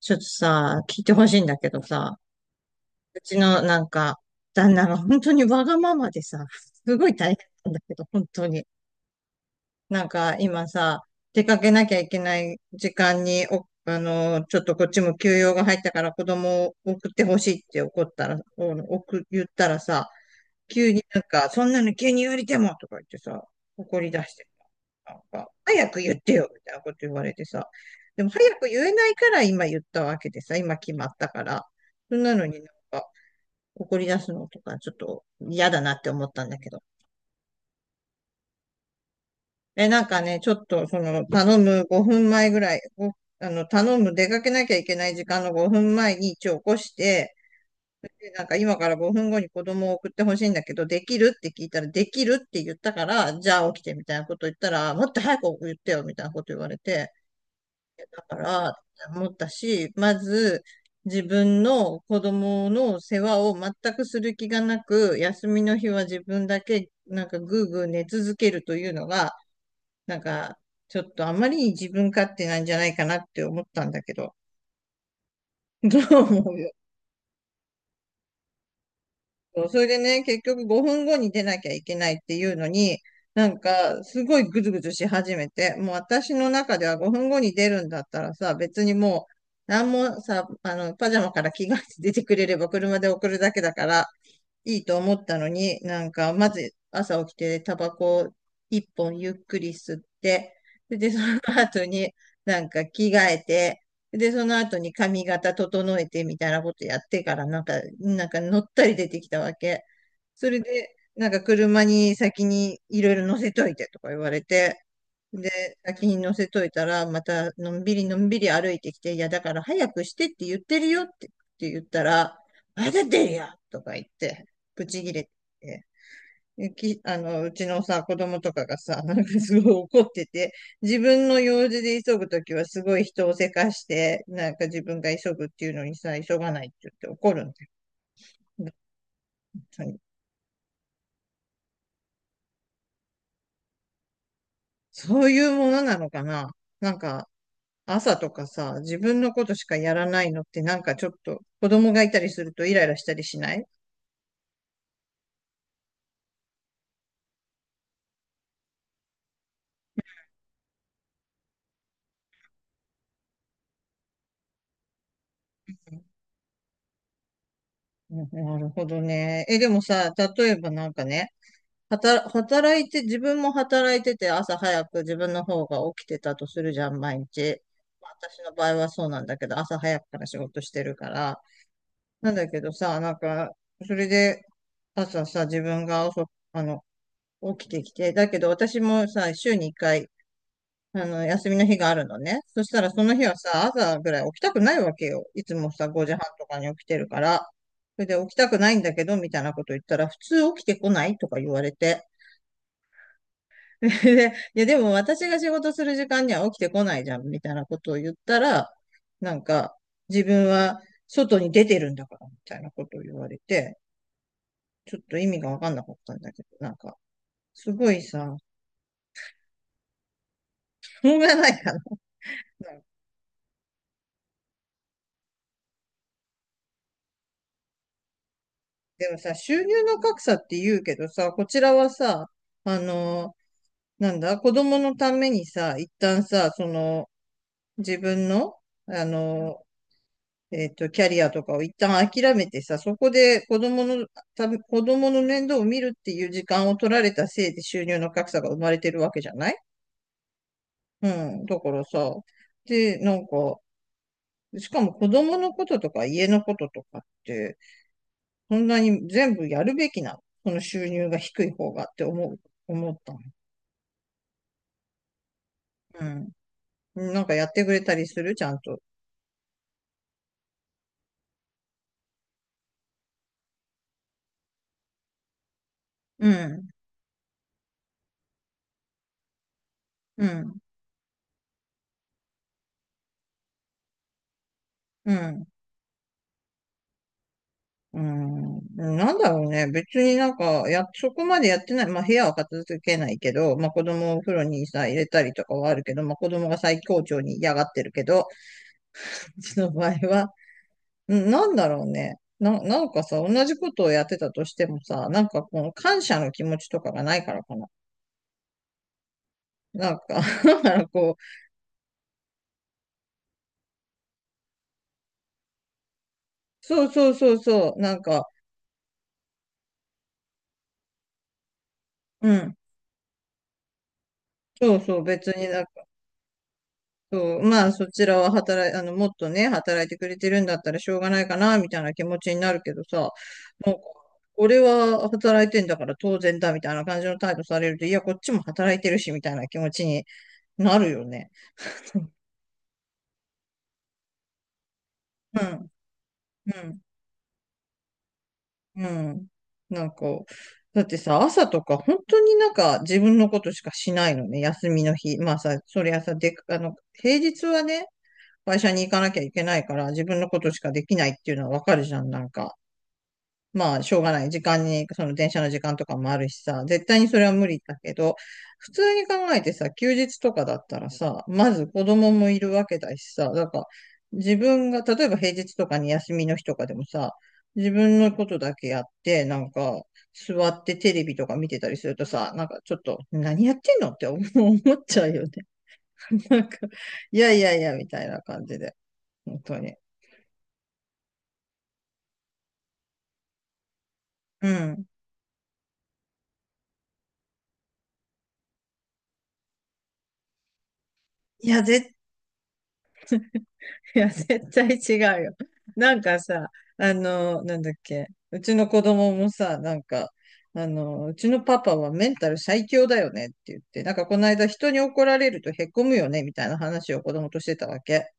ちょっとさ、聞いてほしいんだけどさ、うちのなんか、旦那が本当にわがままでさ、すごい大変なんだけど、本当に。なんか今さ、出かけなきゃいけない時間に、お、あの、ちょっとこっちも休養が入ったから子供を送ってほしいって怒ったら、言ったらさ、急になんか、そんなの急に言われてもとか言ってさ、怒り出してさ、なんか、早く言ってよみたいなこと言われてさ、でも早く言えないから今言ったわけでさ、今決まったから、そんなのになんか怒り出すのとかちょっと嫌だなって思ったんだけど。え、なんかね、ちょっとその頼む5分前ぐらい、ごあの、頼む出かけなきゃいけない時間の5分前に一応起こして、で、なんか今から5分後に子供を送ってほしいんだけど、できるって聞いたら、できるって言ったから、じゃあ起きてみたいなこと言ったら、もっと早く言ってよみたいなこと言われて、だから思ったし、まず自分の子供の世話を全くする気がなく、休みの日は自分だけなんかぐーぐー寝続けるというのが、なんかちょっとあまりに自分勝手なんじゃないかなって思ったんだけど、どう思う？そう、それでね、結局5分後に出なきゃいけないっていうのに、なんか、すごいぐずぐずし始めて、もう私の中では5分後に出るんだったらさ、別にもう、なんもさ、パジャマから着替えて出てくれれば車で送るだけだから、いいと思ったのに、なんか、まず朝起きてタバコを一本ゆっくり吸って、で、その後になんか着替えて、で、その後に髪型整えてみたいなことやってから、なんか乗ったり出てきたわけ。それで、なんか車に先にいろいろ乗せといてとか言われて、で、先に乗せといたら、またのんびりのんびり歩いてきて、いや、だから早くしてって言ってるよって、言ったら、まだ出るよとか言って、ブチギレて、うちのさ、子供とかがさ、なんかすごい怒ってて、自分の用事で急ぐときはすごい人をせかして、なんか自分が急ぐっていうのにさ、急がないって言って怒るんだよ。本当に。そういうものなのかな？なんか、朝とかさ、自分のことしかやらないのってなんかちょっと子供がいたりするとイライラしたりしない？なるほどね。え、でもさ、例えばなんかね、働いて、自分も働いてて、朝早く自分の方が起きてたとするじゃん、毎日。まあ私の場合はそうなんだけど、朝早くから仕事してるから。なんだけどさ、なんか、それで、朝さ、自分が遅く、起きてきて、だけど私もさ、週に1回、休みの日があるのね。そしたらその日はさ、朝ぐらい起きたくないわけよ。いつもさ、5時半とかに起きてるから。それで起きたくないんだけど、みたいなこと言ったら、普通起きてこないとか言われて。で、いや、でも私が仕事する時間には起きてこないじゃん、みたいなことを言ったら、なんか、自分は外に出てるんだから、みたいなことを言われて、ちょっと意味がわかんなかったんだけど、なんか、すごいさ、しょうがないかな。でもさ、収入の格差って言うけどさ、こちらはさ、あの、なんだ、子供のためにさ、一旦さ、その、自分の、あの、キャリアとかを一旦諦めてさ、そこで子供の面倒を見るっていう時間を取られたせいで収入の格差が生まれてるわけじゃない？うん。だからさ、で、なんか、しかも子供のこととか家のこととかって、そんなに全部やるべきなのその収入が低い方がって思ったの。うん。なんかやってくれたりするちゃんと？うん。うん。うん。うん、なんだろうね。別になんか、そこまでやってない。まあ、部屋は片付けないけど、まあ、子供をお風呂にさ、入れたりとかはあるけど、まあ、子供が最高潮に嫌がってるけど、うちの場合は、うん、なんだろうね。なんかさ、同じことをやってたとしてもさ、なんかこの感謝の気持ちとかがないからかな。なんか だからこう、そうそうそうそう、なんか、うん、そうそう、別になんそう、まあ、そちらは働い、あの、もっとね、働いてくれてるんだったらしょうがないかな、みたいな気持ちになるけどさ、もう、俺は働いてんだから当然だ、みたいな感じの態度されると、いや、こっちも働いてるし、みたいな気持ちになるよね。うん、うん、うん。なんか、だってさ、朝とか本当になんか自分のことしかしないのね、休みの日。まあさ、そりゃさ、で、平日はね、会社に行かなきゃいけないから自分のことしかできないっていうのはわかるじゃん、なんか。まあ、しょうがない。時間に、その電車の時間とかもあるしさ、絶対にそれは無理だけど、普通に考えてさ、休日とかだったらさ、まず子供もいるわけだしさ、だから自分が、例えば平日とかに休みの日とかでもさ、自分のことだけやって、なんか、座ってテレビとか見てたりするとさ、なんかちょっと、何やってんのって思っちゃうよね。なんか、いやいやいや、みたいな感じで、本当に。うん。いや、いや、絶対違うよ。なんかさ、なんだっけ、うちの子供もさ、なんか、うちのパパはメンタル最強だよねって言って、なんかこの間人に怒られるとへこむよねみたいな話を子供としてたわけ。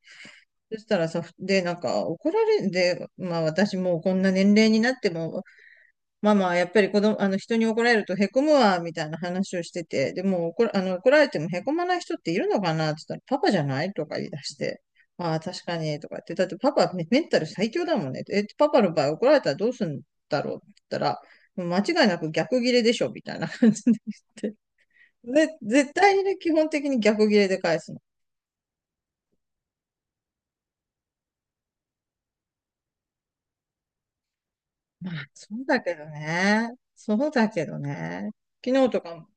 そしたらさ、で、なんか怒られんで、まあ私もうこんな年齢になってもママはやっぱり子供、あの人に怒られるとへこむわ、みたいな話をしてて、でも怒られてもへこまない人っているのかなって言ったら、パパじゃないとか言い出して、ああ、確かに、とか言って、だってパパメンタル最強だもんね。え、パパの場合怒られたらどうするんだろうって言ったら、間違いなく逆ギレでしょ、みたいな感じで言って。で、絶対にね、基本的に逆ギレで返すの。まあ、そうだけどね。そうだけどね。昨日とかも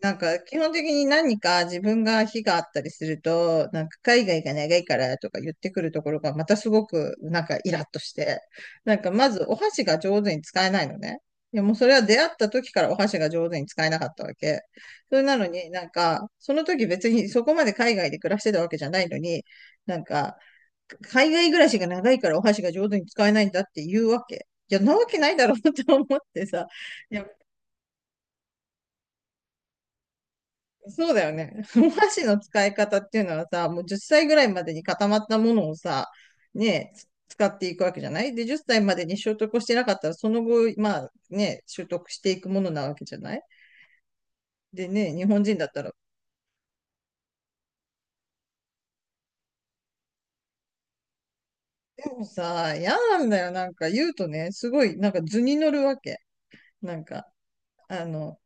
なんか、基本的に何か自分が非があったりすると、なんか海外が長いからとか言ってくるところがまたすごくなんかイラッとして、なんかまずお箸が上手に使えないのね。いやもうそれは出会った時からお箸が上手に使えなかったわけ。それなのにその時別にそこまで海外で暮らしてたわけじゃないのに、なんか、海外暮らしが長いからお箸が上手に使えないんだって言うわけ。いや、なわけないだろうと思ってさ。そうだよね。お箸の使い方っていうのはさ、もう10歳ぐらいまでに固まったものをさ、ねえ、つ使っていくわけじゃないで、10歳までに習得をしてなかったら、その後、まあね、習得していくものなわけじゃない。で、ね、日本人だったら、でもさ、嫌なんだよ。なんか言うとね、すごい、なんか図に乗るわけ。なんか、あの、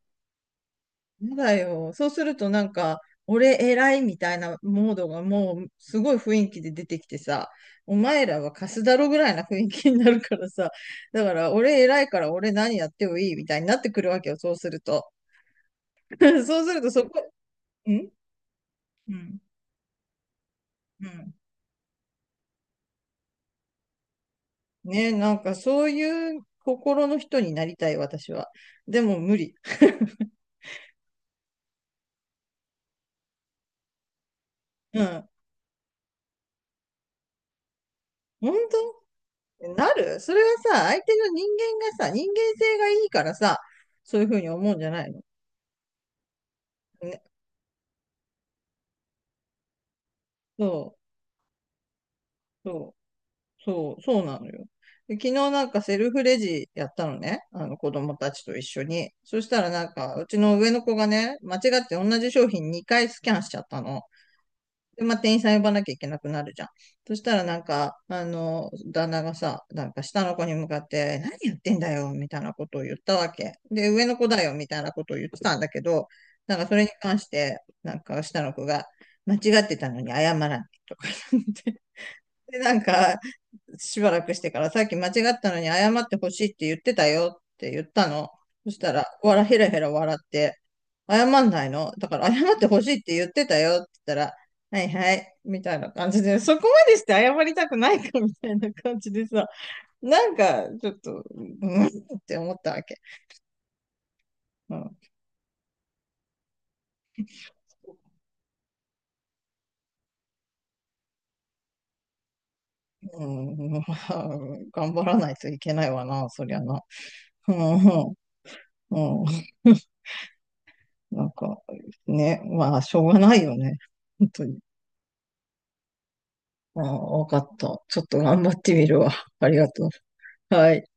やだよ。そうするとなんか、俺偉いみたいなモードがもうすごい雰囲気で出てきてさ、お前らはカスだろぐらいな雰囲気になるからさ、だから俺偉いから俺何やってもいいみたいになってくるわけよ、そうすると。そうするとそこ、ん、うん、うん。ねえ、なんかそういう心の人になりたい、私は。でも無理。うん。本当なる。それはさ、相手の人間がさ、人間性がいいからさ、そういうふうに思うんじゃないの？ねそう、そそうなのよ。で、昨日なんかセルフレジやったのね。あの子供たちと一緒に。そしたらなんか、うちの上の子がね、間違って同じ商品2回スキャンしちゃったの。で、まあ、店員さん呼ばなきゃいけなくなるじゃん。そしたらなんか、あの、旦那がさ、なんか下の子に向かって、何言ってんだよ、みたいなことを言ったわけ。で、上の子だよ、みたいなことを言ってたんだけど、なんかそれに関して、なんか下の子が、間違ってたのに謝らない、とか言って。で、なんか、しばらくしてから、さっき間違ったのに謝ってほしいって言ってたよって言ったの。そしたら、わら、ヘラヘラ笑って、謝んないのだから謝ってほしいって言ってたよって言ったら、はいはい、みたいな感じで、そこまでして謝りたくないかみたいな感じでさ、なんかちょっと、うんって思ったわけ。うん、うん。頑張らないといけないわな、そりゃな。うん、うん、うん。なんか、ね、まあ、しょうがないよね。本当に。ああ、わかった。ちょっと頑張ってみるわ。ありがとう。はい。